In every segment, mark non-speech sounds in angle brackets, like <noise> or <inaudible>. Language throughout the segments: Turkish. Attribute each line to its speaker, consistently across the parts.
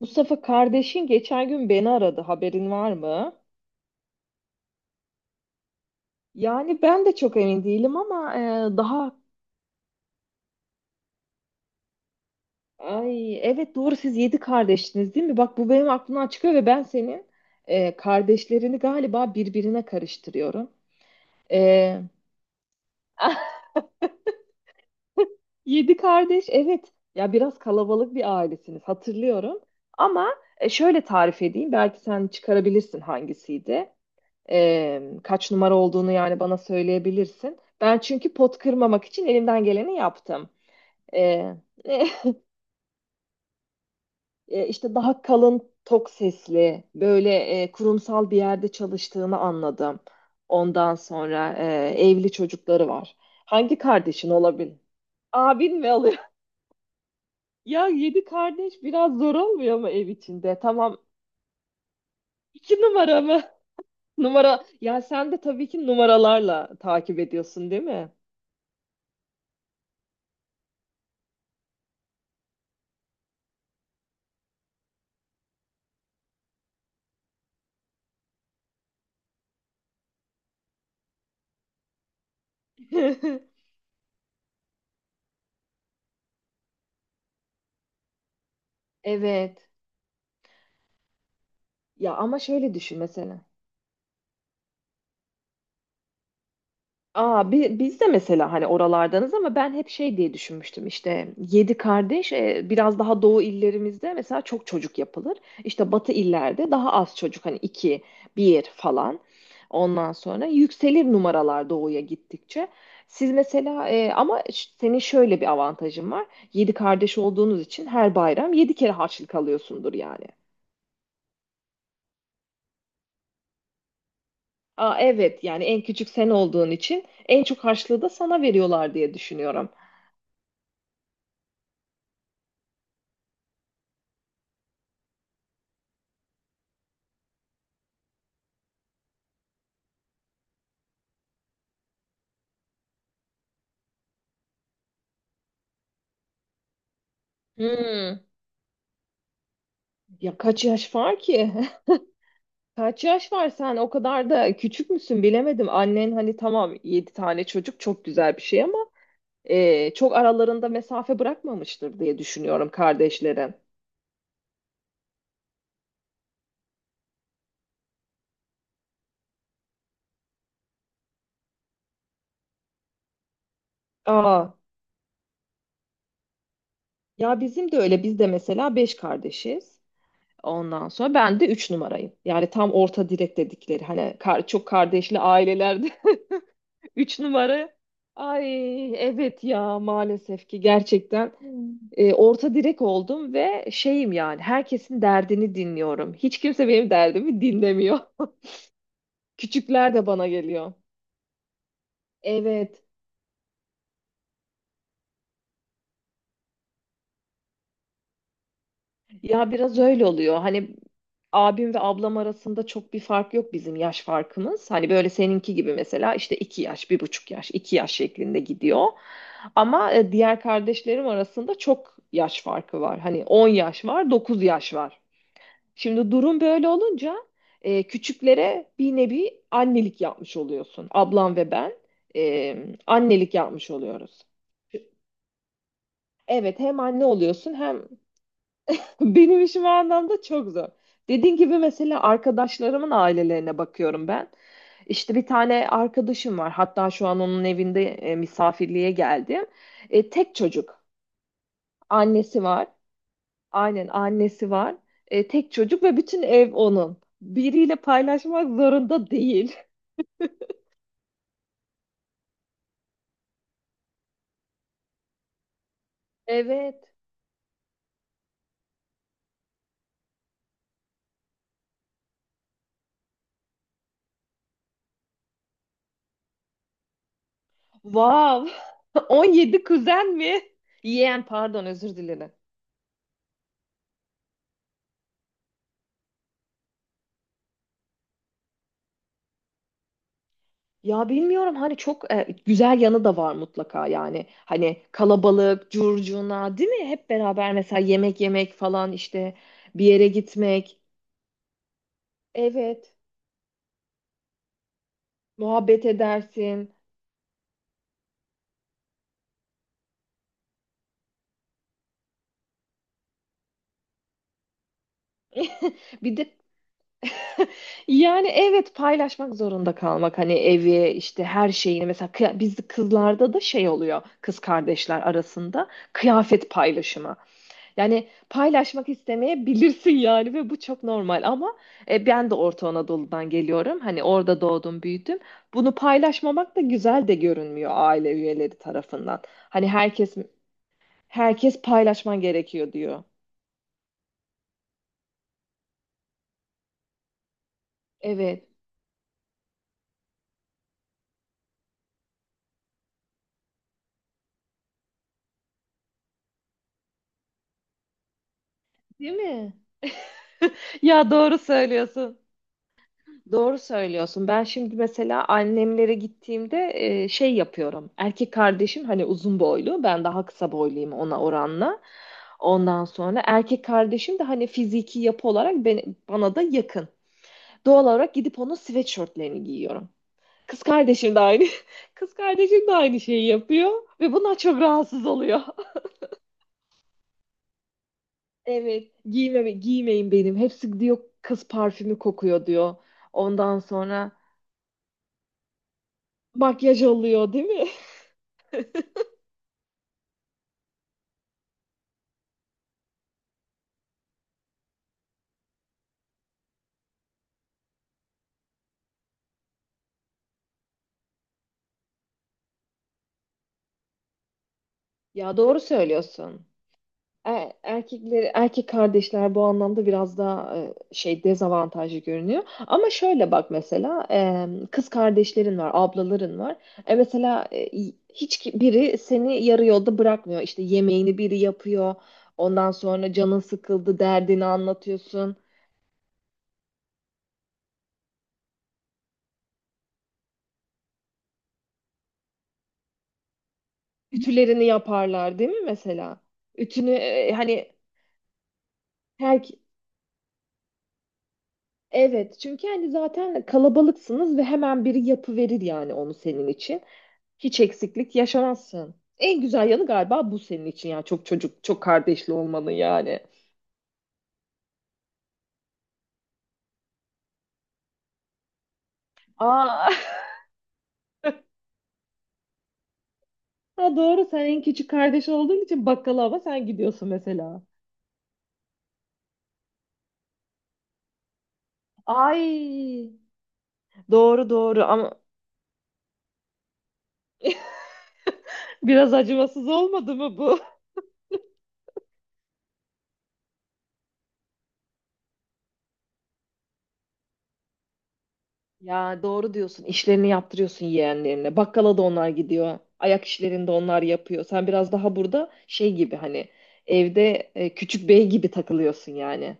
Speaker 1: Mustafa kardeşin geçen gün beni aradı. Haberin var mı? Yani ben de çok emin değilim ama daha. Ay, evet, doğru, siz yedi kardeşsiniz değil mi? Bak bu benim aklımdan çıkıyor ve ben senin kardeşlerini galiba birbirine karıştırıyorum. E, <laughs> Yedi kardeş, evet. Ya biraz kalabalık bir ailesiniz, hatırlıyorum. Ama şöyle tarif edeyim, belki sen çıkarabilirsin hangisiydi. Kaç numara olduğunu yani bana söyleyebilirsin. Ben çünkü pot kırmamak için elimden geleni yaptım. E, <laughs> işte daha kalın tok sesli böyle kurumsal bir yerde çalıştığını anladım. Ondan sonra evli çocukları var. Hangi kardeşin olabilir? Abin mi alıyor? <laughs> Ya yedi kardeş biraz zor olmuyor mu ev içinde? Tamam. İki numara mı? <laughs> Numara. Ya sen de tabii ki numaralarla takip ediyorsun, değil mi? <laughs> Evet. Ya ama şöyle düşün mesela. Aa, biz de mesela hani oralardanız ama ben hep şey diye düşünmüştüm işte yedi kardeş biraz daha doğu illerimizde mesela çok çocuk yapılır. İşte batı illerde daha az çocuk hani iki bir falan. Ondan sonra yükselir numaralar doğuya gittikçe. Siz mesela ama senin şöyle bir avantajın var. Yedi kardeş olduğunuz için her bayram yedi kere harçlık alıyorsundur yani. Aa, evet yani en küçük sen olduğun için en çok harçlığı da sana veriyorlar diye düşünüyorum. Hmm. Ya kaç yaş var ki? <laughs> Kaç yaş var sen? O kadar da küçük müsün bilemedim. Annen hani tamam 7 tane çocuk çok güzel bir şey ama çok aralarında mesafe bırakmamıştır diye düşünüyorum kardeşlerin. Aa, ya bizim de öyle. Biz de mesela 5 kardeşiz. Ondan sonra ben de 3 numarayım. Yani tam orta direk dedikleri hani çok kardeşli aileler. Üç numara. Ay, evet ya, maalesef ki gerçekten orta direk oldum ve şeyim yani herkesin derdini dinliyorum. Hiç kimse benim derdimi dinlemiyor. <laughs> Küçükler de bana geliyor. Evet, ya biraz öyle oluyor. Hani abim ve ablam arasında çok bir fark yok bizim yaş farkımız. Hani böyle seninki gibi mesela işte iki yaş, bir buçuk yaş, iki yaş şeklinde gidiyor. Ama diğer kardeşlerim arasında çok yaş farkı var. Hani 10 yaş var, 9 yaş var. Şimdi durum böyle olunca küçüklere bir nevi annelik yapmış oluyorsun. Ablam ve ben e, annelik yapmış oluyoruz. Evet, hem anne oluyorsun hem <laughs> benim işim o anlamda çok zor. Dediğin gibi mesela arkadaşlarımın ailelerine bakıyorum ben. İşte bir tane arkadaşım var. Hatta şu an onun evinde misafirliğe geldim. Tek çocuk. Annesi var. Aynen annesi var. Tek çocuk ve bütün ev onun. Biriyle paylaşmak zorunda değil. <laughs> Evet. Wow. <laughs> 17 kuzen mi? Yeğen, pardon, özür dilerim. Ya bilmiyorum hani çok güzel yanı da var mutlaka yani. Hani kalabalık, curcuna değil mi? Hep beraber mesela yemek yemek falan işte bir yere gitmek. Evet. Muhabbet edersin. <laughs> Bir de yani evet paylaşmak zorunda kalmak hani evi işte her şeyini mesela biz kızlarda da şey oluyor kız kardeşler arasında kıyafet paylaşımı. Yani paylaşmak istemeyebilirsin yani ve bu çok normal ama ben de Orta Anadolu'dan geliyorum. Hani orada doğdum büyüdüm. Bunu paylaşmamak da güzel de görünmüyor aile üyeleri tarafından. Hani herkes paylaşman gerekiyor diyor. Evet. Değil mi? Ya doğru söylüyorsun. Doğru söylüyorsun. Ben şimdi mesela annemlere gittiğimde şey yapıyorum. Erkek kardeşim hani uzun boylu, ben daha kısa boyluyum ona oranla. Ondan sonra erkek kardeşim de hani fiziki yapı olarak bana da yakın. Doğal olarak gidip onun sweatshirtlerini giyiyorum. Kız kardeşim de aynı. <laughs> Kız kardeşim de aynı şeyi yapıyor ve bundan çok rahatsız oluyor. <laughs> Evet, giymeme, giymeyin benim. Hepsi diyor kız parfümü kokuyor diyor. Ondan sonra makyaj oluyor değil mi? <laughs> Ya doğru söylüyorsun. Erkekleri, erkek kardeşler bu anlamda biraz daha şey dezavantajlı görünüyor. Ama şöyle bak mesela kız kardeşlerin var, ablaların var. E mesela hiç biri seni yarı yolda bırakmıyor. İşte yemeğini biri yapıyor. Ondan sonra canın sıkıldı, derdini anlatıyorsun. Ütülerini yaparlar, değil mi mesela? Ütünü hani her. Evet, çünkü hani zaten kalabalıksınız ve hemen biri yapıverir yani onu senin için. Hiç eksiklik yaşamazsın. En güzel yanı galiba bu senin için ya. Çok çocuk, çok kardeşli olmanın yani. Aa, <laughs> ha doğru sen en küçük kardeş olduğun için bakkala ama sen gidiyorsun mesela. Ay, doğru doğru ama <laughs> biraz acımasız olmadı mı bu? Ya doğru diyorsun. İşlerini yaptırıyorsun yeğenlerine. Bakkala da onlar gidiyor. Ayak işlerini de onlar yapıyor. Sen biraz daha burada şey gibi hani evde küçük bey gibi takılıyorsun yani.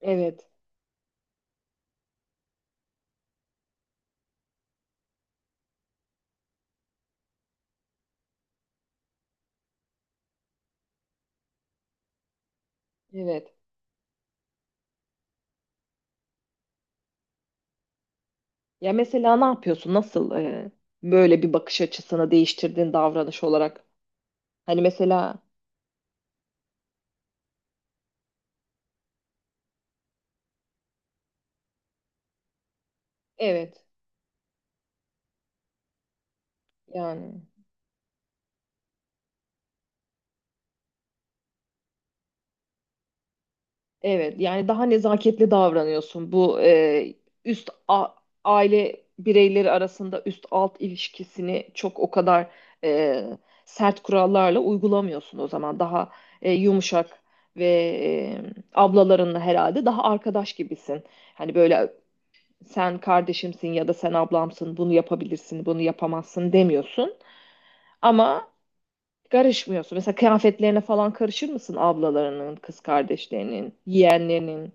Speaker 1: Evet. Evet. Ya mesela ne yapıyorsun? Nasıl böyle bir bakış açısını değiştirdiğin davranış olarak? Hani mesela evet yani evet yani daha nezaketli davranıyorsun. Bu üst aile bireyleri arasında üst alt ilişkisini çok o kadar e, sert kurallarla uygulamıyorsun o zaman. Daha yumuşak ve ablalarınla herhalde daha arkadaş gibisin. Hani böyle sen kardeşimsin ya da sen ablamsın bunu yapabilirsin bunu yapamazsın demiyorsun ama karışmıyorsun. Mesela kıyafetlerine falan karışır mısın ablalarının, kız kardeşlerinin, yeğenlerinin?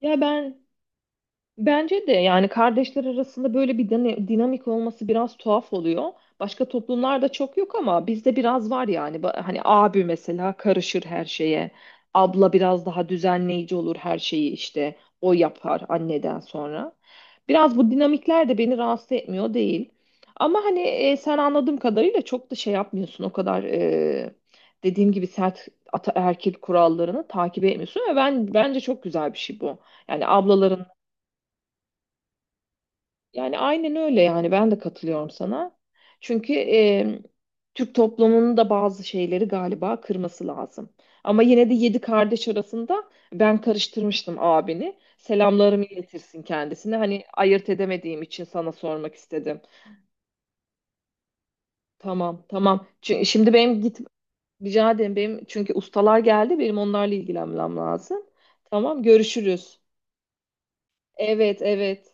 Speaker 1: Ya ben. Bence de yani kardeşler arasında böyle bir dinamik olması biraz tuhaf oluyor. Başka toplumlarda çok yok ama bizde biraz var yani. Hani abi mesela karışır her şeye. Abla biraz daha düzenleyici olur her şeyi işte. O yapar anneden sonra. Biraz bu dinamikler de beni rahatsız etmiyor değil. Ama hani sen anladığım kadarıyla çok da şey yapmıyorsun. O kadar dediğim gibi sert ataerkil kurallarını takip etmiyorsun. Ve ben bence çok güzel bir şey bu. Yani ablaların, yani aynen öyle yani ben de katılıyorum sana. Çünkü Türk toplumunun da bazı şeyleri galiba kırması lazım. Ama yine de yedi kardeş arasında ben karıştırmıştım abini. Selamlarımı iletirsin kendisine. Hani ayırt edemediğim için sana sormak istedim. Tamam tamam. Şimdi benim git, rica ederim, benim çünkü ustalar geldi, benim onlarla ilgilenmem lazım. Tamam, görüşürüz. Evet, evet.